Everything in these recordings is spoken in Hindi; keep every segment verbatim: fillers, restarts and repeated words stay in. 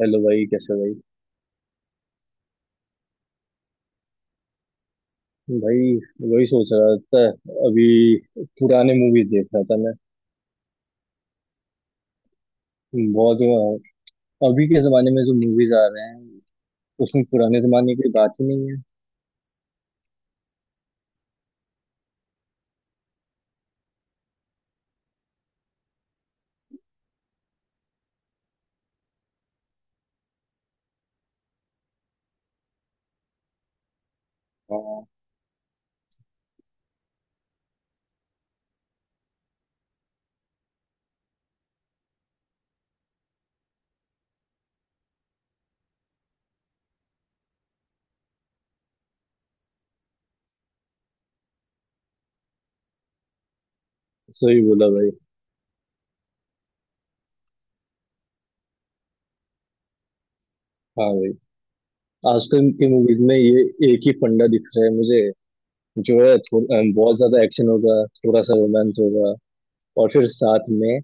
हेलो भाई, कैसे हो? भाई भाई वही सोच रहा था। अभी पुराने मूवीज देख रहा था मैं। बहुत अ, अभी के जमाने में जो मूवीज आ रहे हैं उसमें पुराने जमाने की बात ही नहीं है। हाँ, सही बोला भाई। हाँ भाई, आजकल की मूवीज में ये एक ही फंडा दिख रहा है मुझे। जो है थो, अ, बहुत ज्यादा एक्शन होगा, थोड़ा सा रोमांस होगा, और फिर साथ में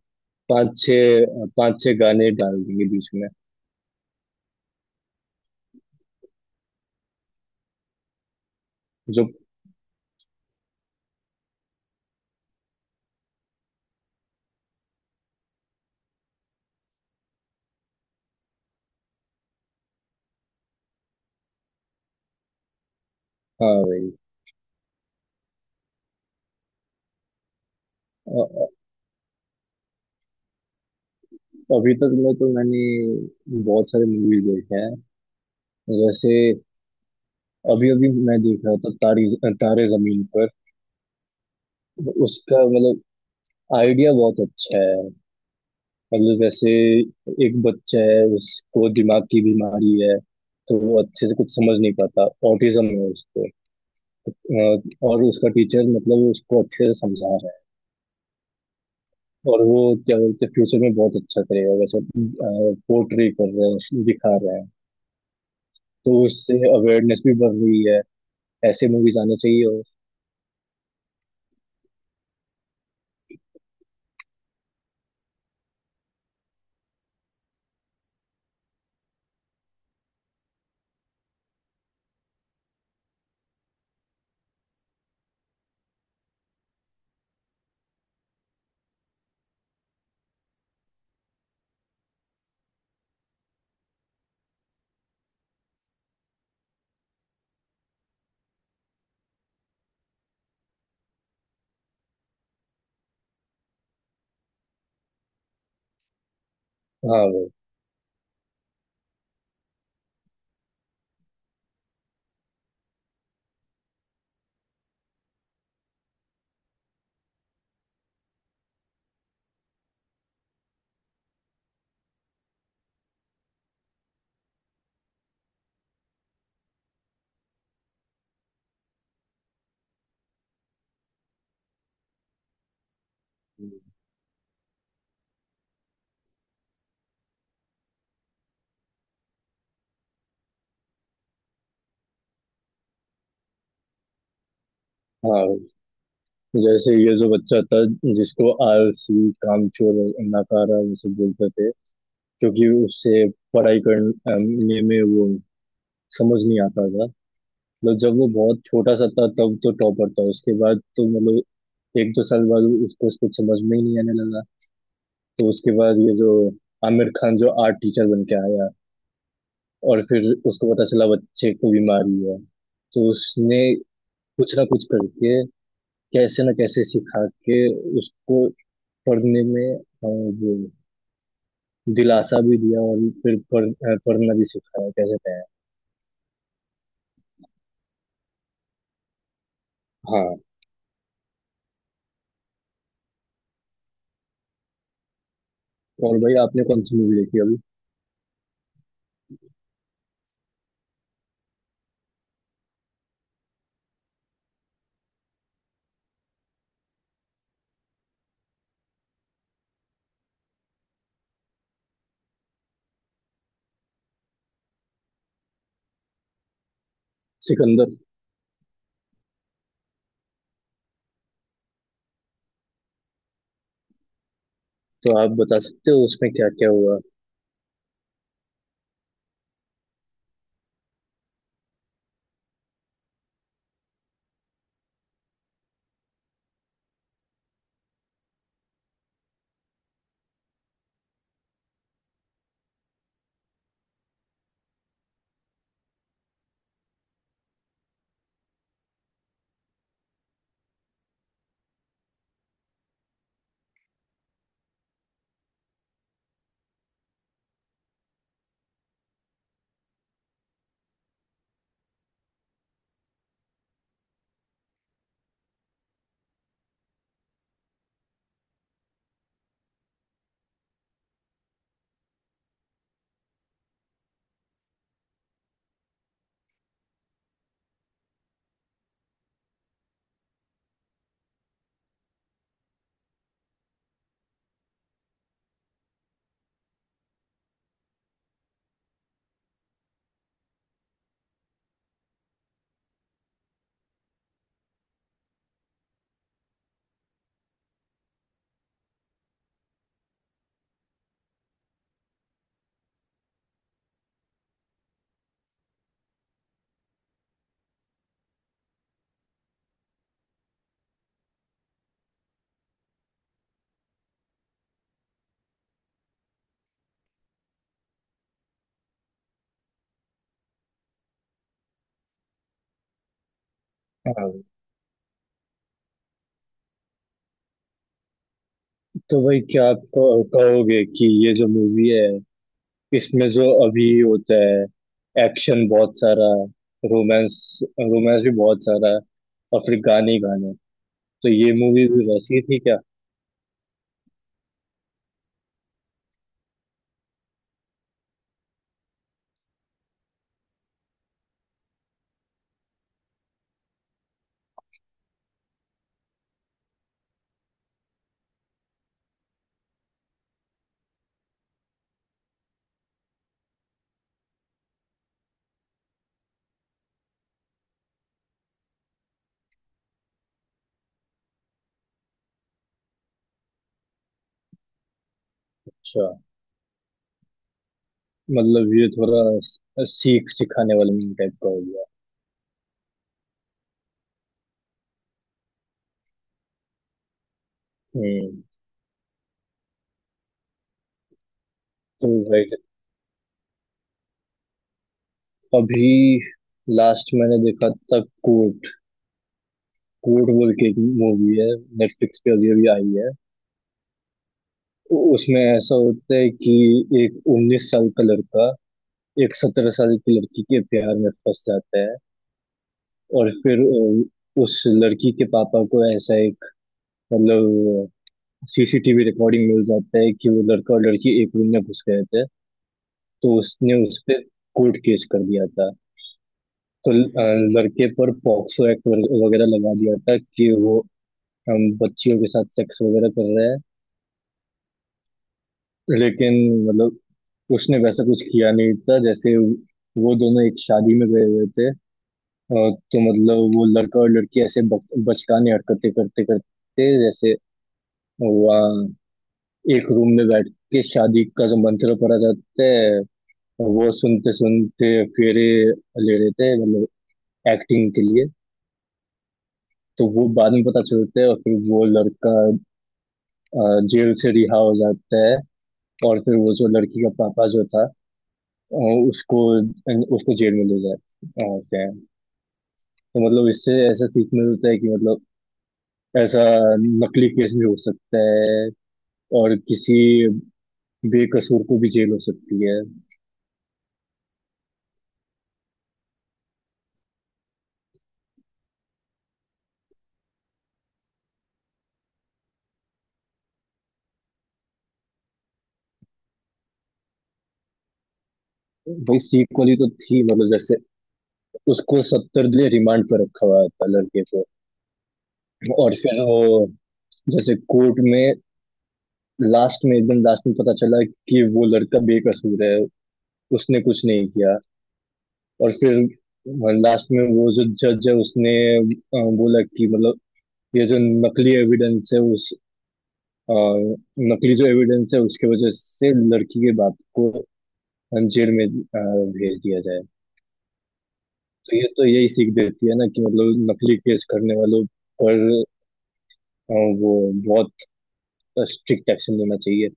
पांच छः पांच छः गाने डाल देंगे बीच में। जो हाँ भाई। अभी तक में तो मैंने बहुत सारे मूवीज देखे हैं। जैसे अभी अभी मैं देख रहा था तारी तारे जमीन पर। उसका मतलब आइडिया बहुत अच्छा है। मतलब जैसे एक बच्चा है, उसको दिमाग की बीमारी है, तो वो अच्छे से कुछ समझ नहीं पाता, ऑटिज्म है उसको। अ, और उसका टीचर मतलब उसको अच्छे से समझा रहा है, और वो क्या बोलते हैं फ्यूचर में बहुत अच्छा करेगा वैसे पोर्ट्रे कर रहे हैं, दिखा रहे हैं। तो उससे अवेयरनेस भी बढ़ रही है। ऐसे मूवीज आने चाहिए। और हाँ भाई। हाँ भाई। जैसे ये जो बच्चा था, जिसको आलसी, कामचोर और नाकारा ये सब बोलते थे, क्योंकि उससे पढ़ाई करने में वो समझ नहीं आता था। मतलब जब वो बहुत छोटा सा था तब तो टॉपर था, उसके बाद तो मतलब एक दो साल बाद उसको उसको समझ में ही नहीं आने लगा। तो उसके बाद ये जो आमिर खान जो आर्ट टीचर बन के आया, और फिर उसको पता चला बच्चे को बीमारी है, तो उसने कुछ ना कुछ करके, कैसे न कैसे सिखा के उसको पढ़ने में अ, वो दिलासा भी दिया, और फिर पढ़, अ, पढ़ना भी सिखाया कैसे तैयार। हाँ। और भाई आपने कौन सी मूवी देखी अभी? सिकंदर। तो आप बता सकते हो उसमें क्या क्या हुआ? हाँ। तो भाई, क्या आप कहो- कहोगे कि ये जो मूवी है, इसमें जो अभी होता है एक्शन बहुत सारा, रोमांस रोमांस भी बहुत सारा और फिर गाने ही गाने। तो ये मूवी भी वैसी ही थी क्या? अच्छा। मतलब ये थोड़ा स- सीख सिखाने वाला मीम टाइप का हो गया। हम्म। तो राइट। अभी लास्ट मैंने देखा था कोर्ट। कोर्ट बोल के एक मूवी है, नेटफ्लिक्स पे अभी अभी आई है। उ- उसमें ऐसा होता है कि एक उन्नीस साल का लड़का एक सत्रह साल की लड़की के प्यार में फंस जाता है। और फिर अ, उस लड़की के पापा को ऐसा एक मतलब सी सी टी वी रिकॉर्डिंग मिल जाता है कि वो लड़का और लड़की एक रूम में घुस गए थे। तो उसने उस पे कोर्ट केस कर दिया था। तो ल- अ, लड़के पर पॉक्सो एक्ट वगैरह लगा दिया था कि वो हम बच्चियों के साथ सेक्स वगैरह कर रहा है। लेकिन मतलब उसने वैसा कुछ किया नहीं था। जैसे वो दोनों एक शादी में गए हुए थे अ, तो मतलब वो लड़का और लड़की ऐसे बक- बचकाने हरकतें करते करते, जैसे वहाँ एक रूम में बैठ के शादी का जो मंत्र पढ़ा जाता है वो सुनते सुनते फेरे ले रहे थे, मतलब एक्टिंग के लिए। तो वो बाद में पता चलता है, और फिर वो लड़का अ, जेल से रिहा हो जाता है। और फिर वो जो लड़की का पापा जो था अ, उसको उसको जेल में ले जाते हैं। तो मतलब इससे ऐसा सीखने को मिलता है कि मतलब ऐसा नकली केस भी हो सकता है, और किसी बेकसूर को भी जेल हो सकती है। भाई, सीख वाली तो थी, मतलब जैसे उसको सत्तर दिन रिमांड पर रखा हुआ था लड़के को। और फिर वो जैसे कोर्ट में लास्ट में, एकदम लास्ट में पता चला कि वो लड़का बेकसूर है, उसने कुछ नहीं किया। और फिर लास्ट में वो जो जज है उसने अ, बोला कि मतलब ये जो नकली एविडेंस है उस अ, नकली जो एविडेंस है उसके वजह से लड़की के बाप को जेल में अ, भेज दिया जाए। तो ये तो यही सीख देती है ना कि मतलब नकली केस करने वालों पर अ, वो बहुत स्ट्रिक्ट एक्शन लेना चाहिए।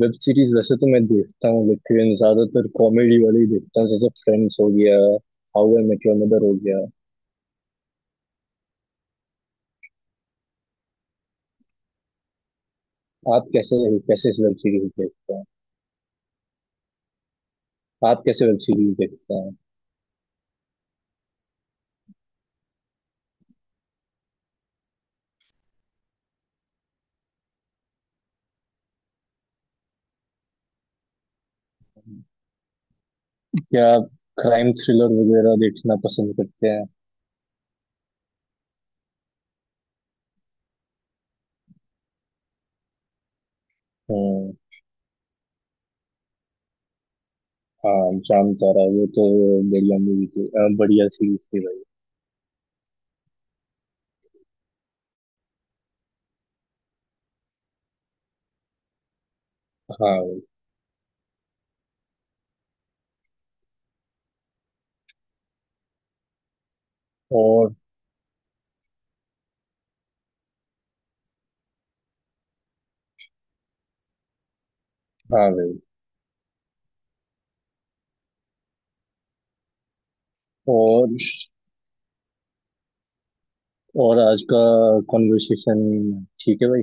वेब सीरीज वैसे तो मैं देखता हूँ, लेकिन ज्यादातर कॉमेडी वाली ही देखता हूँ। जैसे फ्रेंड्स हो गया, How I Met Your Mother हो गया। आप कैसे कैसे वेब सीरीज देखते हैं? आप कैसे वेब सीरीज देखते हैं? क्या आप क्राइम थ्रिलर वगैरह देखना पसंद करते हैं? हम्म। हाँ, जाम तारा, वो तो बढ़िया मूवी थी, अ, बढ़िया सीरीज थी भाई। हाँ भाई। और हाँ भाई। और और आज का कॉन्वर्सेशन ठीक है भाई।